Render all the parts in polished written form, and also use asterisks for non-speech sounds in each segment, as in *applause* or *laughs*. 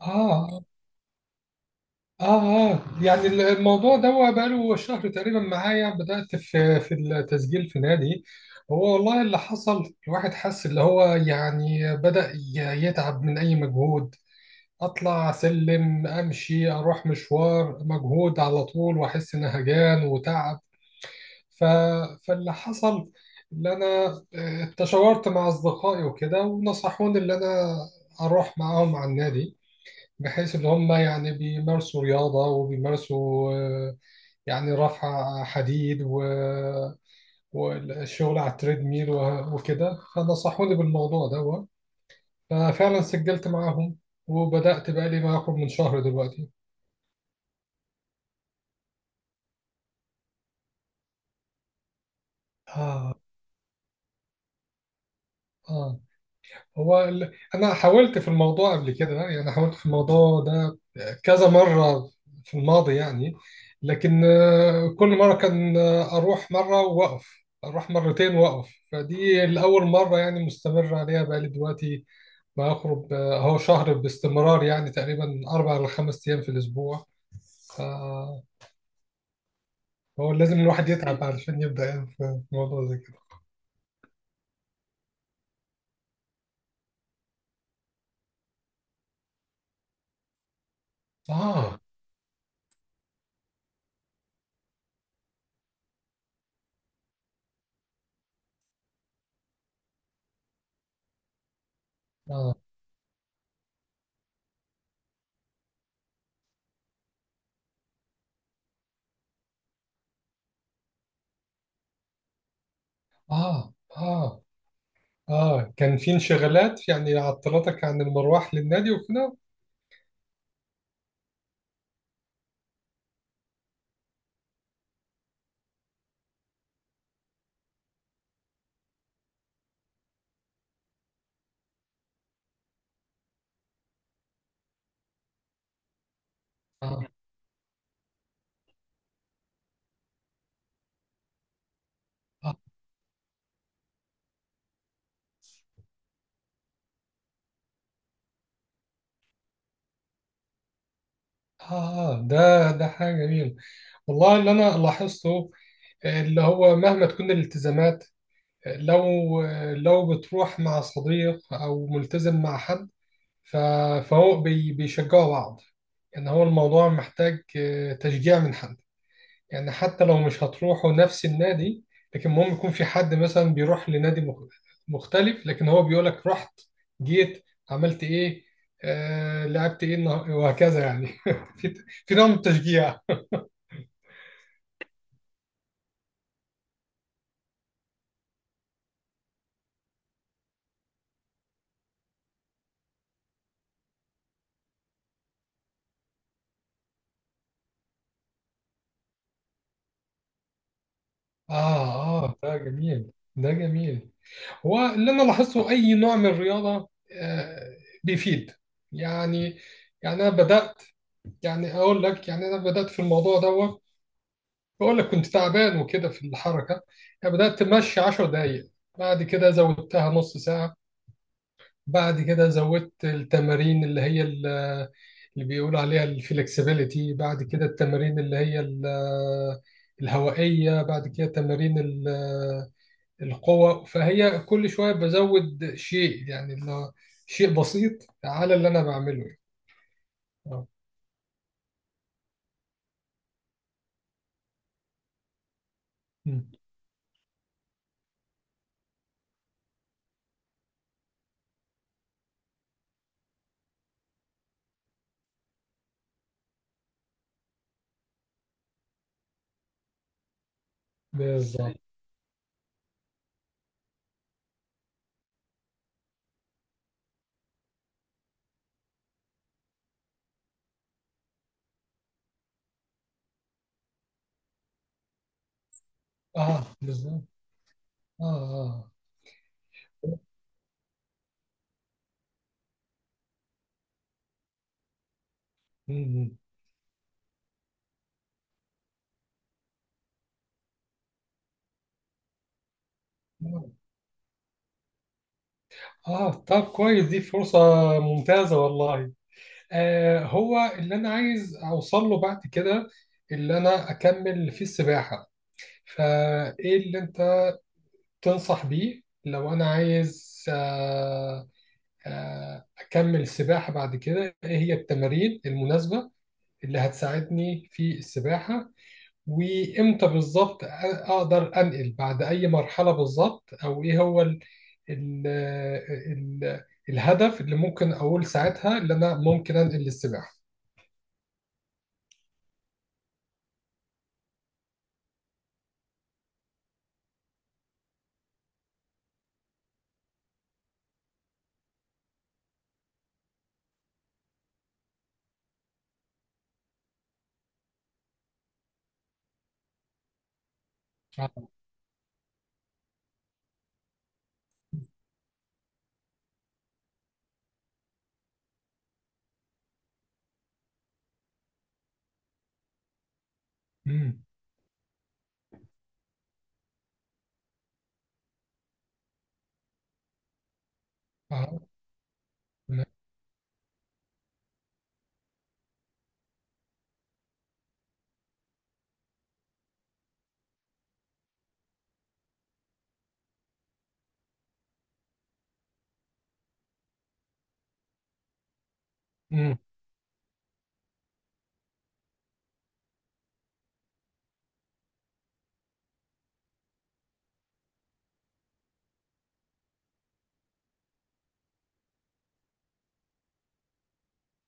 آه آه يعني الموضوع ده هو بقاله شهر تقريبا معايا بدأت في التسجيل في نادي. هو والله اللي حصل، الواحد حس اللي هو يعني بدأ يتعب من أي مجهود. أطلع أسلم أمشي أروح مشوار مجهود على طول وأحس إن هجان وتعب. ف... فاللي حصل، اللي أنا اتشاورت مع أصدقائي وكده ونصحوني اللي أنا أروح معاهم على النادي، بحيث ان هم يعني بيمارسوا رياضه وبيمارسوا، يعني رفع حديد والشغل على التريدميل وكده، فنصحوني بالموضوع ده. ففعلا سجلت معاهم وبدأت بقى لي ما يقرب من شهر دلوقتي. آه آه هو انا حاولت في الموضوع قبل كده، يعني حاولت في الموضوع ده كذا مرة في الماضي يعني، لكن كل مرة كان، اروح مرة واقف اروح مرتين واقف، فدي الاول مرة يعني مستمر عليها بقالي دلوقتي ما اخرج اهو شهر باستمرار، يعني تقريبا اربع ل خمس ايام في الاسبوع. فهو لازم الواحد يتعب علشان يبدأ يعني في موضوع زي كده. اه اه اه اه كان في انشغالات يعني عطلتك عن المروح للنادي وكده؟ آه. آه. آه، ده حاجة جميلة. والله اللي أنا لاحظته اللي هو، مهما تكون الالتزامات، لو لو بتروح مع صديق أو ملتزم مع حد، ف- فهو بيشجعوا بعض. يعني هو الموضوع محتاج تشجيع من حد. يعني حتى لو مش هتروحوا نفس النادي، لكن المهم يكون في حد مثلا بيروح لنادي مختلف، لكن هو بيقول لك رحت جيت عملت ايه، آه لعبت ايه وهكذا يعني *laughs* في في نوع من التشجيع. اه اه، ده جميل. هو اللي انا لاحظته اي نوع من الرياضه آه بيفيد. يعني يعني انا بدات، يعني اقول لك، يعني انا بدات في الموضوع دوت، بقول لك كنت تعبان وكده في الحركة. يعني بدأت تمشي 10 دقايق، بعد كده زودتها نص ساعة، بعد كده زودت التمارين اللي هي اللي بيقول عليها الفلكسبيليتي، بعد كده التمارين اللي هي الهوائية، بعد كده تمارين القوة. فهي كل شوية بزود شيء يعني، اللي هو شيء بسيط على اللي أنا بعمله يعني. اه. أمم. بالظبط. اه بالظبط. اه اه. أمم. اه طب كويس، دي فرصة ممتازة والله. آه هو اللي انا عايز اوصل له بعد كده اللي انا اكمل في السباحة. فايه اللي انت تنصح بيه لو انا عايز، اكمل السباحة بعد كده؟ ايه هي التمارين المناسبة اللي هتساعدني في السباحة؟ وامتى بالظبط اقدر انقل بعد اي مرحله بالظبط؟ او ايه هو ال ال الهدف اللي ممكن اقول ساعتها اللي انا ممكن انقل للسباحه؟ اه. امم. اه. تمام. امم.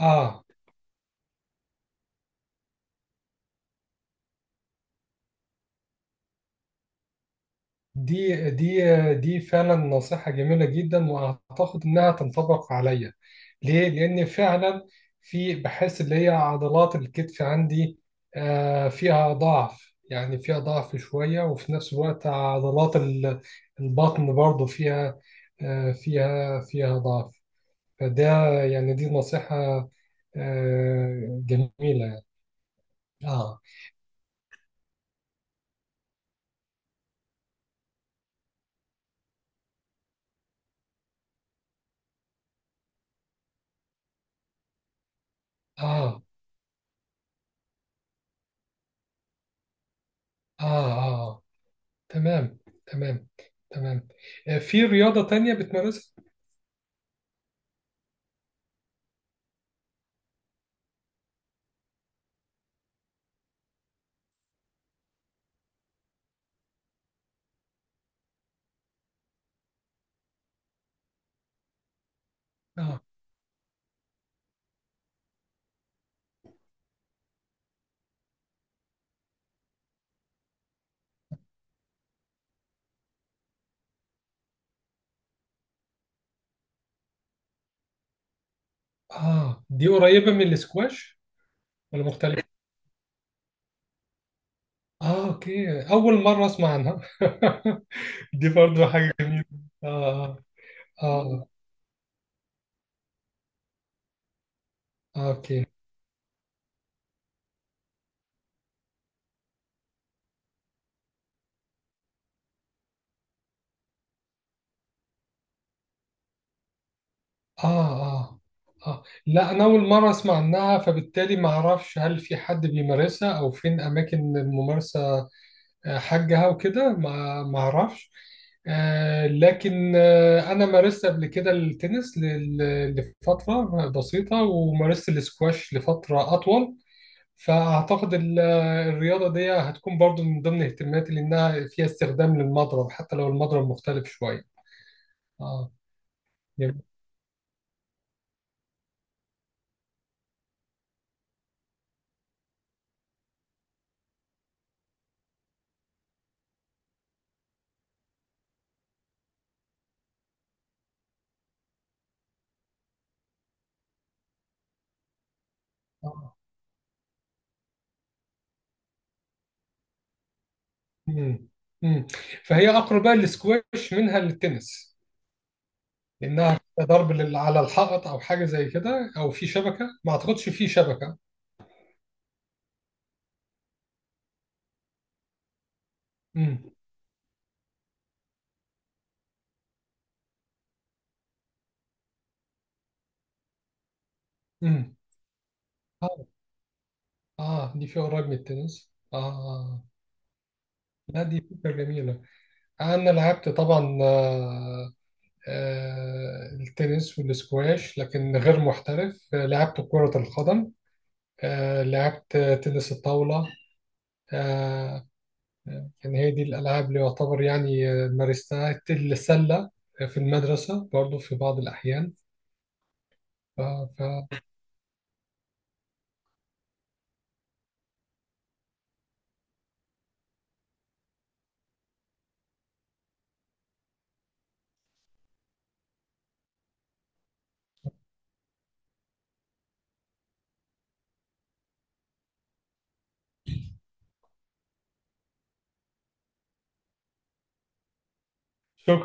اه. دي دي دي فعلا نصيحة جميلة جدا وأعتقد إنها تنطبق عليا. ليه؟ لأن فعلا في، بحس اللي هي عضلات الكتف عندي فيها ضعف، يعني فيها ضعف شوية. وفي نفس الوقت عضلات البطن برضو فيها فيها ضعف. فده يعني، دي نصيحة جميلة يعني. آه. آه آه. آه تمام. تمام. تمام. آه، في رياضة تانية بتمارسها؟ اه اه، دي قريبة من الاسكواش ولا مختلفة؟ اه اوكي، أول مرة أسمع عنها. *laughs* دي برضو حاجة جميلة. اه اه اه آه، اوكي. اه اه اه لا أنا أول مرة أسمع عنها، فبالتالي ما أعرفش هل في حد بيمارسها أو فين أماكن الممارسة حاجها وكده، ما اعرفش. لكن انا مارست قبل كده التنس لفتره بسيطه، ومارست الاسكواش لفتره اطول. فاعتقد الرياضه دي هتكون برضو من ضمن اهتماماتي، لانها فيها استخدام للمضرب حتى لو المضرب مختلف شويه. اه جميل. آه. مم. مم. فهي اقرب بقى الاسكواش منها للتنس، لانها ضرب على الحائط او حاجه زي كده، او في شبكه، ما اعتقدش في شبكه. مم. امم. اه اه، دي فيها قريب من التنس. اه آه. لا دي فكرة جميلة. انا لعبت طبعا، التنس والسكواش لكن غير محترف. آه، لعبت كرة القدم، آه لعبت تنس الطاولة. آه يعني هي دي الالعاب اللي يعتبر يعني مارستها. السلة في المدرسة برضو في بعض الاحيان. ف... ف...